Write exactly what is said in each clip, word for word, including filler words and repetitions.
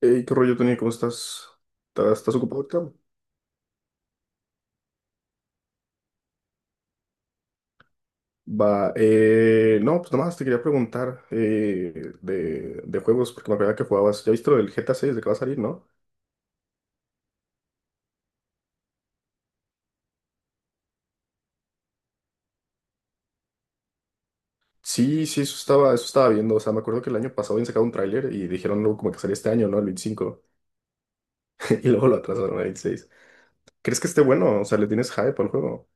Ey, ¿qué rollo, Tony? ¿Cómo estás? ¿Estás, estás ocupado ahorita? Va, eh, no, pues nada más te quería preguntar eh, de, de juegos, porque me acuerdo que jugabas. ¿Ya viste lo del G T A seis de que va a salir, no? Sí, sí, eso estaba, eso estaba viendo. O sea, me acuerdo que el año pasado habían sacado un tráiler y dijeron luego como que salía este año, ¿no? El veinticinco. Y luego lo atrasaron al veintiséis. ¿Crees que esté bueno? O sea, ¿le tienes hype al juego?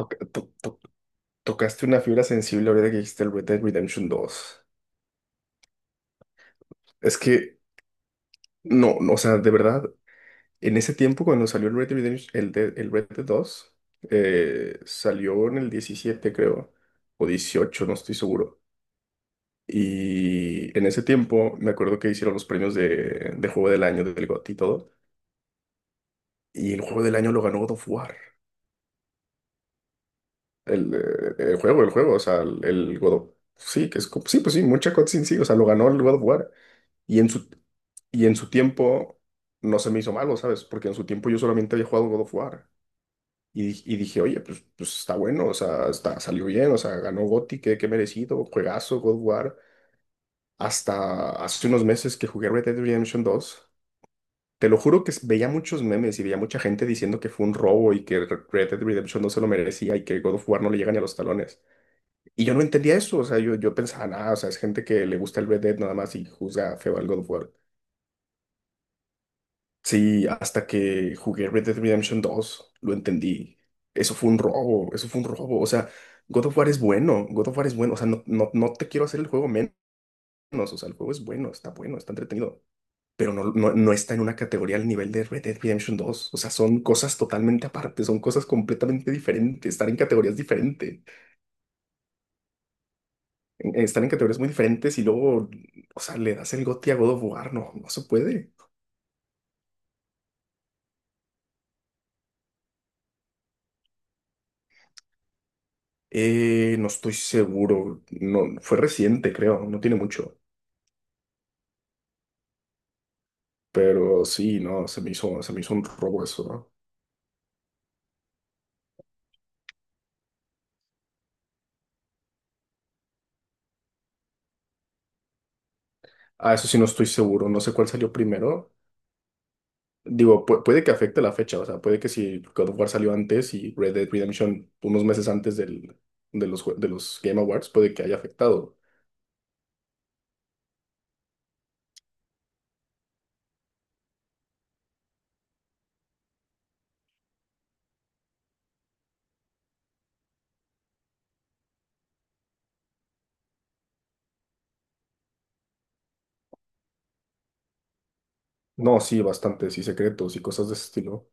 Toc- to- to- tocaste una fibra sensible ahorita que dijiste el Red Dead Redemption dos. Es que no, no, o sea, de verdad. En ese tiempo, cuando salió el Red Dead Redemption, el de- el Red Dead dos eh, salió en el diecisiete, creo, o dieciocho, no estoy seguro. Y en ese tiempo, me acuerdo que hicieron los premios de, de Juego del Año, del GOTY y todo. Y el Juego del Año lo ganó God of War. El, eh, el juego, el juego, o sea, el, el God of. Sí, que es. co- Sí, pues sí, mucha cutscene, sí, o sea, lo ganó el God of War. Y en su, y en su tiempo no se me hizo malo, ¿sabes? Porque en su tiempo yo solamente había jugado God of War. Y, di- y dije, oye, pues, pues está bueno, o sea, está, salió bien, o sea, ganó GOTY, qué, qué merecido, juegazo, God of War. Hasta hace unos meses que jugué Red Dead Redemption dos, te lo juro que s- veía muchos memes y veía mucha gente diciendo que fue un robo y que Re- Red Dead Redemption no se lo merecía y que God of War no le llega ni a los talones. Y yo no entendía eso, o sea, yo, yo pensaba, nada, o sea, es gente que le gusta el Red Dead nada más y juzga feo al God of War. Sí, hasta que jugué Red Dead Redemption dos, lo entendí. Eso fue un robo, eso fue un robo. O sea, God of War es bueno, God of War es bueno. O sea, no, no, no te quiero hacer el juego menos. O sea, el juego es bueno, está bueno, está entretenido. Pero no, no, no está en una categoría al nivel de Red Dead Redemption dos. O sea, son cosas totalmente aparte, son cosas completamente diferentes. Estar en categorías diferentes, estar en categorías muy diferentes y luego, o sea, le das el goti a God of War, no, no se puede. Eh, no estoy seguro. No, fue reciente, creo. No tiene mucho. Pero sí, no, se me hizo, se me hizo un robo eso, ¿no? Ah, eso sí, no estoy seguro. No sé cuál salió primero. Digo, pu- puede que afecte la fecha. O sea, puede que si God of War salió antes y Red Dead Redemption unos meses antes del, de los, jue- de los Game Awards, puede que haya afectado. No, sí, bastante. Sí, secretos y cosas de ese estilo.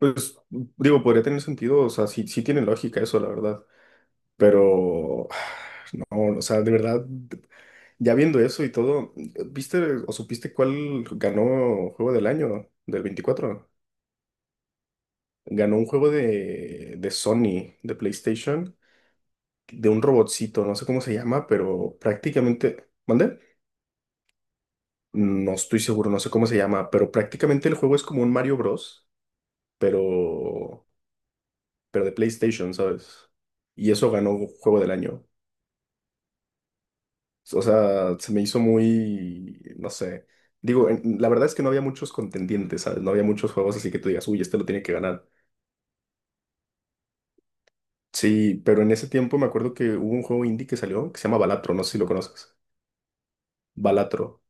Pues, digo, podría tener sentido. O sea, sí, sí tiene lógica eso, la verdad. Pero no, o sea, de verdad. Ya viendo eso y todo, ¿viste o supiste cuál ganó juego del año del veinticuatro? Ganó un juego de, de Sony, de PlayStation, de un robotcito, no sé cómo se llama, pero prácticamente. ¿Mande? No estoy seguro, no sé cómo se llama, pero prácticamente el juego es como un Mario Bros, pero, pero de PlayStation, ¿sabes? Y eso ganó juego del año. O sea, se me hizo muy, no sé. Digo, en- la verdad es que no había muchos contendientes, ¿sabes? No había muchos juegos así que tú digas, uy, este lo tiene que ganar. Sí, pero en ese tiempo me acuerdo que hubo un juego indie que salió que se llama Balatro, no sé si lo conoces. Balatro.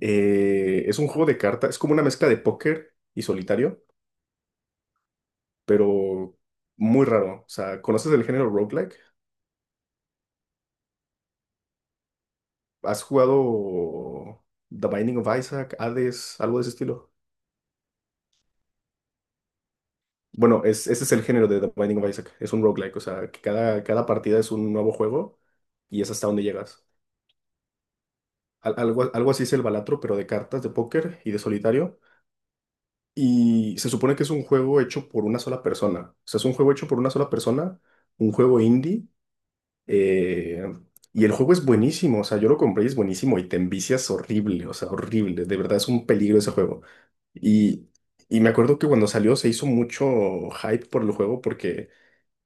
Eh, es un juego de cartas, es como una mezcla de póker y solitario, pero muy raro. O sea, ¿conoces el género roguelike? ¿Has jugado The Binding of Isaac, Hades, algo de ese estilo? Bueno, es, ese es el género de The Binding of Isaac. Es un roguelike, o sea, que cada, cada partida es un nuevo juego y es hasta donde llegas. Al- algo, algo así es el Balatro, pero de cartas, de póker y de solitario. Y se supone que es un juego hecho por una sola persona. O sea, es un juego hecho por una sola persona, un juego indie. eh, y el juego es buenísimo, o sea, yo lo compré y es buenísimo y te envicias horrible, o sea, horrible. De verdad es un peligro ese juego. Y, y me acuerdo que cuando salió se hizo mucho hype por el juego porque.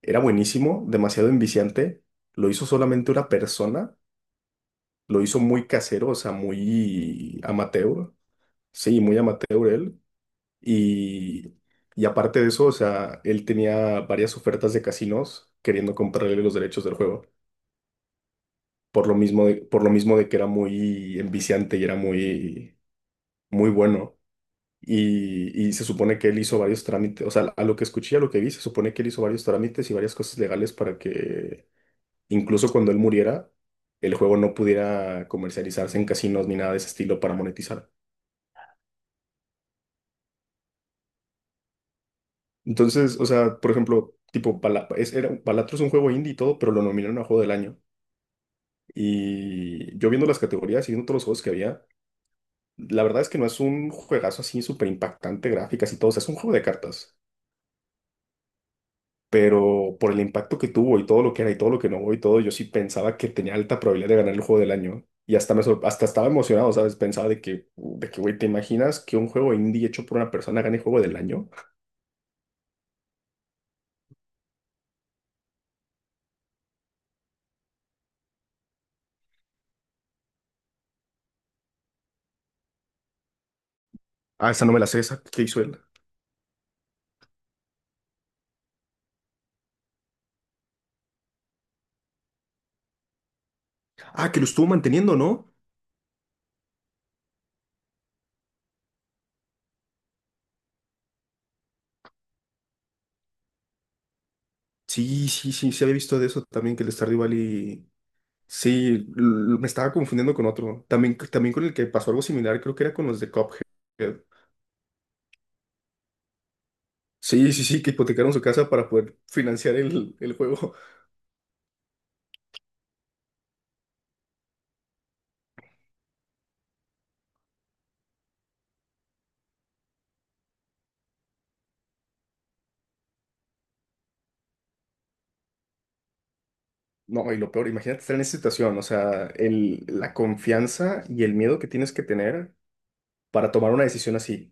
Era buenísimo, demasiado enviciante. Lo hizo solamente una persona. Lo hizo muy casero, o sea, muy amateur. Sí, muy amateur él. Y, y aparte de eso, o sea, él tenía varias ofertas de casinos queriendo comprarle los derechos del juego. Por lo mismo de, por lo mismo de que era muy enviciante y era muy, muy bueno. Y, y se supone que él hizo varios trámites, o sea, a lo que escuché, a lo que vi, se supone que él hizo varios trámites y varias cosas legales para que incluso cuando él muriera, el juego no pudiera comercializarse en casinos ni nada de ese estilo para monetizar. Entonces, o sea, por ejemplo, tipo, Bala- es, era, Balatro es un juego indie y todo, pero lo nominaron a juego del año. Y yo viendo las categorías y viendo todos los juegos que había, la verdad es que no es un juegazo así súper impactante, gráficas y todo, o sea, es un juego de cartas. Pero por el impacto que tuvo y todo lo que era y todo lo que no hubo y todo, yo sí pensaba que tenía alta probabilidad de ganar el juego del año. Y hasta, me sor- hasta estaba emocionado, ¿sabes? Pensaba de que, de que, güey, ¿te imaginas que un juego indie hecho por una persona gane juego del año? Ah, esa no me la sé, esa. ¿Qué hizo él? Ah, que lo estuvo manteniendo, ¿no? Sí, sí, sí, se había visto de eso también, que el Stardew Valley. Sí, l- me estaba confundiendo con otro. También, también con el que pasó algo similar, creo que era con los de Cuphead. Sí, sí, sí, que hipotecaron su casa para poder financiar el, el juego. No, y lo peor, imagínate estar en esa situación, o sea, el, la confianza y el miedo que tienes que tener para tomar una decisión así.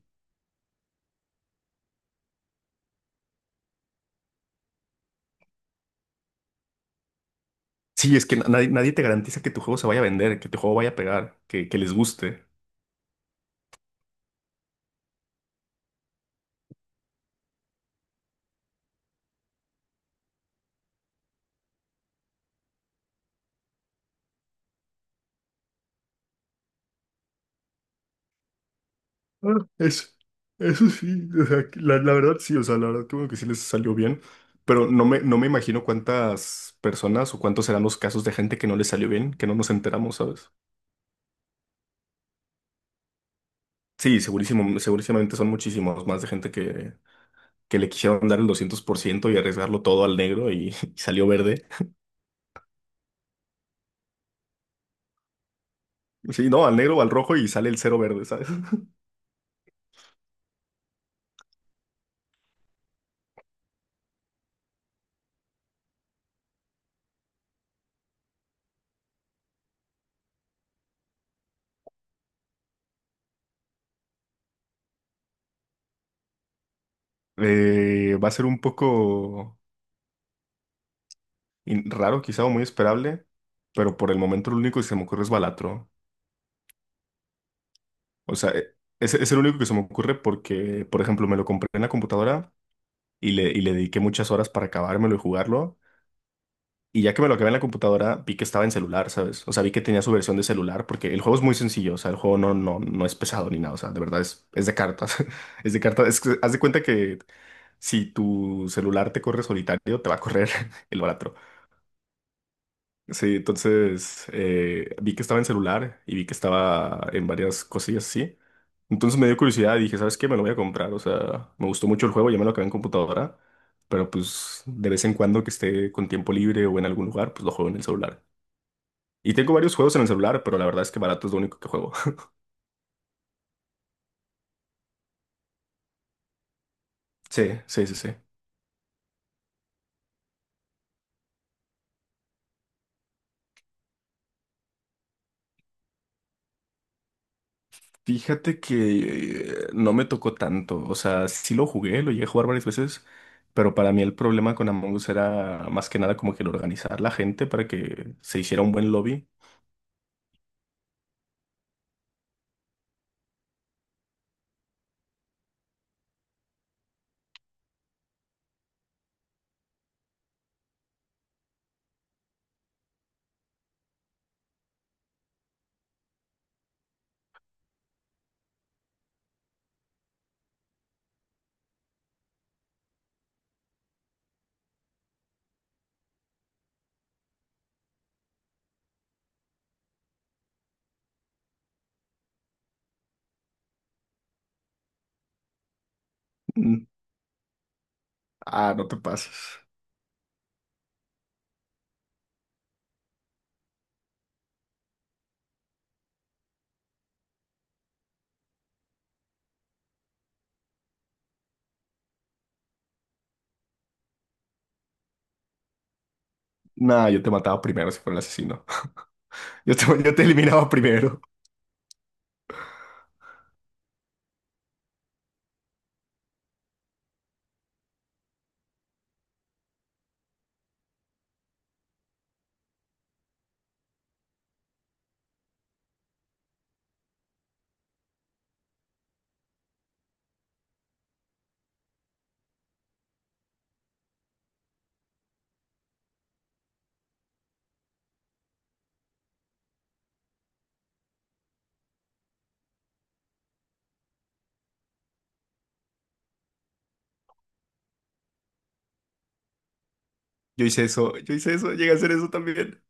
Sí, es que na- nadie, nadie te garantiza que tu juego se vaya a vender, que tu juego vaya a pegar, que, que les guste. Ah, Eso, eso sí, o sea, que la, la verdad sí, o sea, la verdad creo que sí les salió bien, pero no me, no me imagino cuántas personas o cuántos serán los casos de gente que no les salió bien, que no nos enteramos, ¿sabes? Sí, segurísimo, segurísimamente son muchísimos más de gente que que le quisieron dar el doscientos por ciento y arriesgarlo todo al negro y, y salió verde. Sí, no, al negro o al rojo y sale el cero verde, ¿sabes? Eh, va a ser un poco in- raro, quizá, o muy esperable, pero por el momento lo único que se me ocurre es Balatro. O sea, eh, es, es el único que se me ocurre porque, por ejemplo, me lo compré en la computadora y le, y le dediqué muchas horas para acabármelo y jugarlo. Y ya que me lo acabé en la computadora, vi que estaba en celular, ¿sabes? O sea, vi que tenía su versión de celular, porque el juego es muy sencillo, o sea, el juego no, no, no es pesado ni nada, o sea, de verdad es, es de cartas, es de cartas, es que haz de cuenta que si tu celular te corre solitario, te va a correr el baratro. Sí, entonces eh, vi que estaba en celular y vi que estaba en varias cosillas así. Entonces me dio curiosidad y dije, ¿sabes qué? Me lo voy a comprar, o sea, me gustó mucho el juego, ya me lo acabé en computadora, pero pues de vez en cuando que esté con tiempo libre o en algún lugar, pues lo juego en el celular. Y tengo varios juegos en el celular, pero la verdad es que barato es lo único que juego. Sí, sí, sí, sí. Fíjate que eh, no me tocó tanto. O sea, sí lo jugué, lo llegué a jugar varias veces, pero para mí el problema con Among Us era más que nada como que el organizar la gente para que se hiciera un buen lobby. Mm. Ah, no te pases. Nah, yo te mataba primero si fuera el asesino. Yo te, yo te eliminaba primero. Yo hice eso, yo hice eso, llegué a hacer eso también.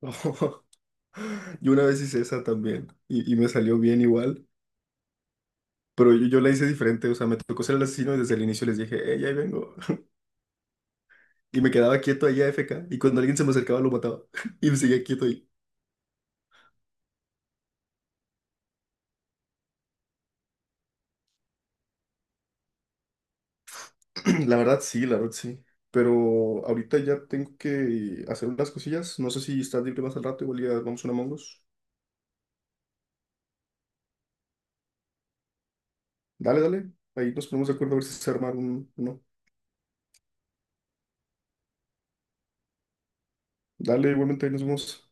Yo una vez hice esa también y, y me salió bien igual. Pero yo, yo la hice diferente, o sea, me tocó ser el asesino y desde el inicio les dije, hey, ahí vengo. Y me quedaba quieto ahí a F K y cuando alguien se me acercaba lo mataba, y me seguía quieto ahí. La verdad sí, la verdad sí. Pero ahorita ya tengo que hacer unas cosillas, no sé si estás libre más al rato, igual ya vamos a una Among Us. Dale, dale, ahí nos ponemos de acuerdo a ver si se arma un, uno. Dale, igualmente, ahí nos vemos.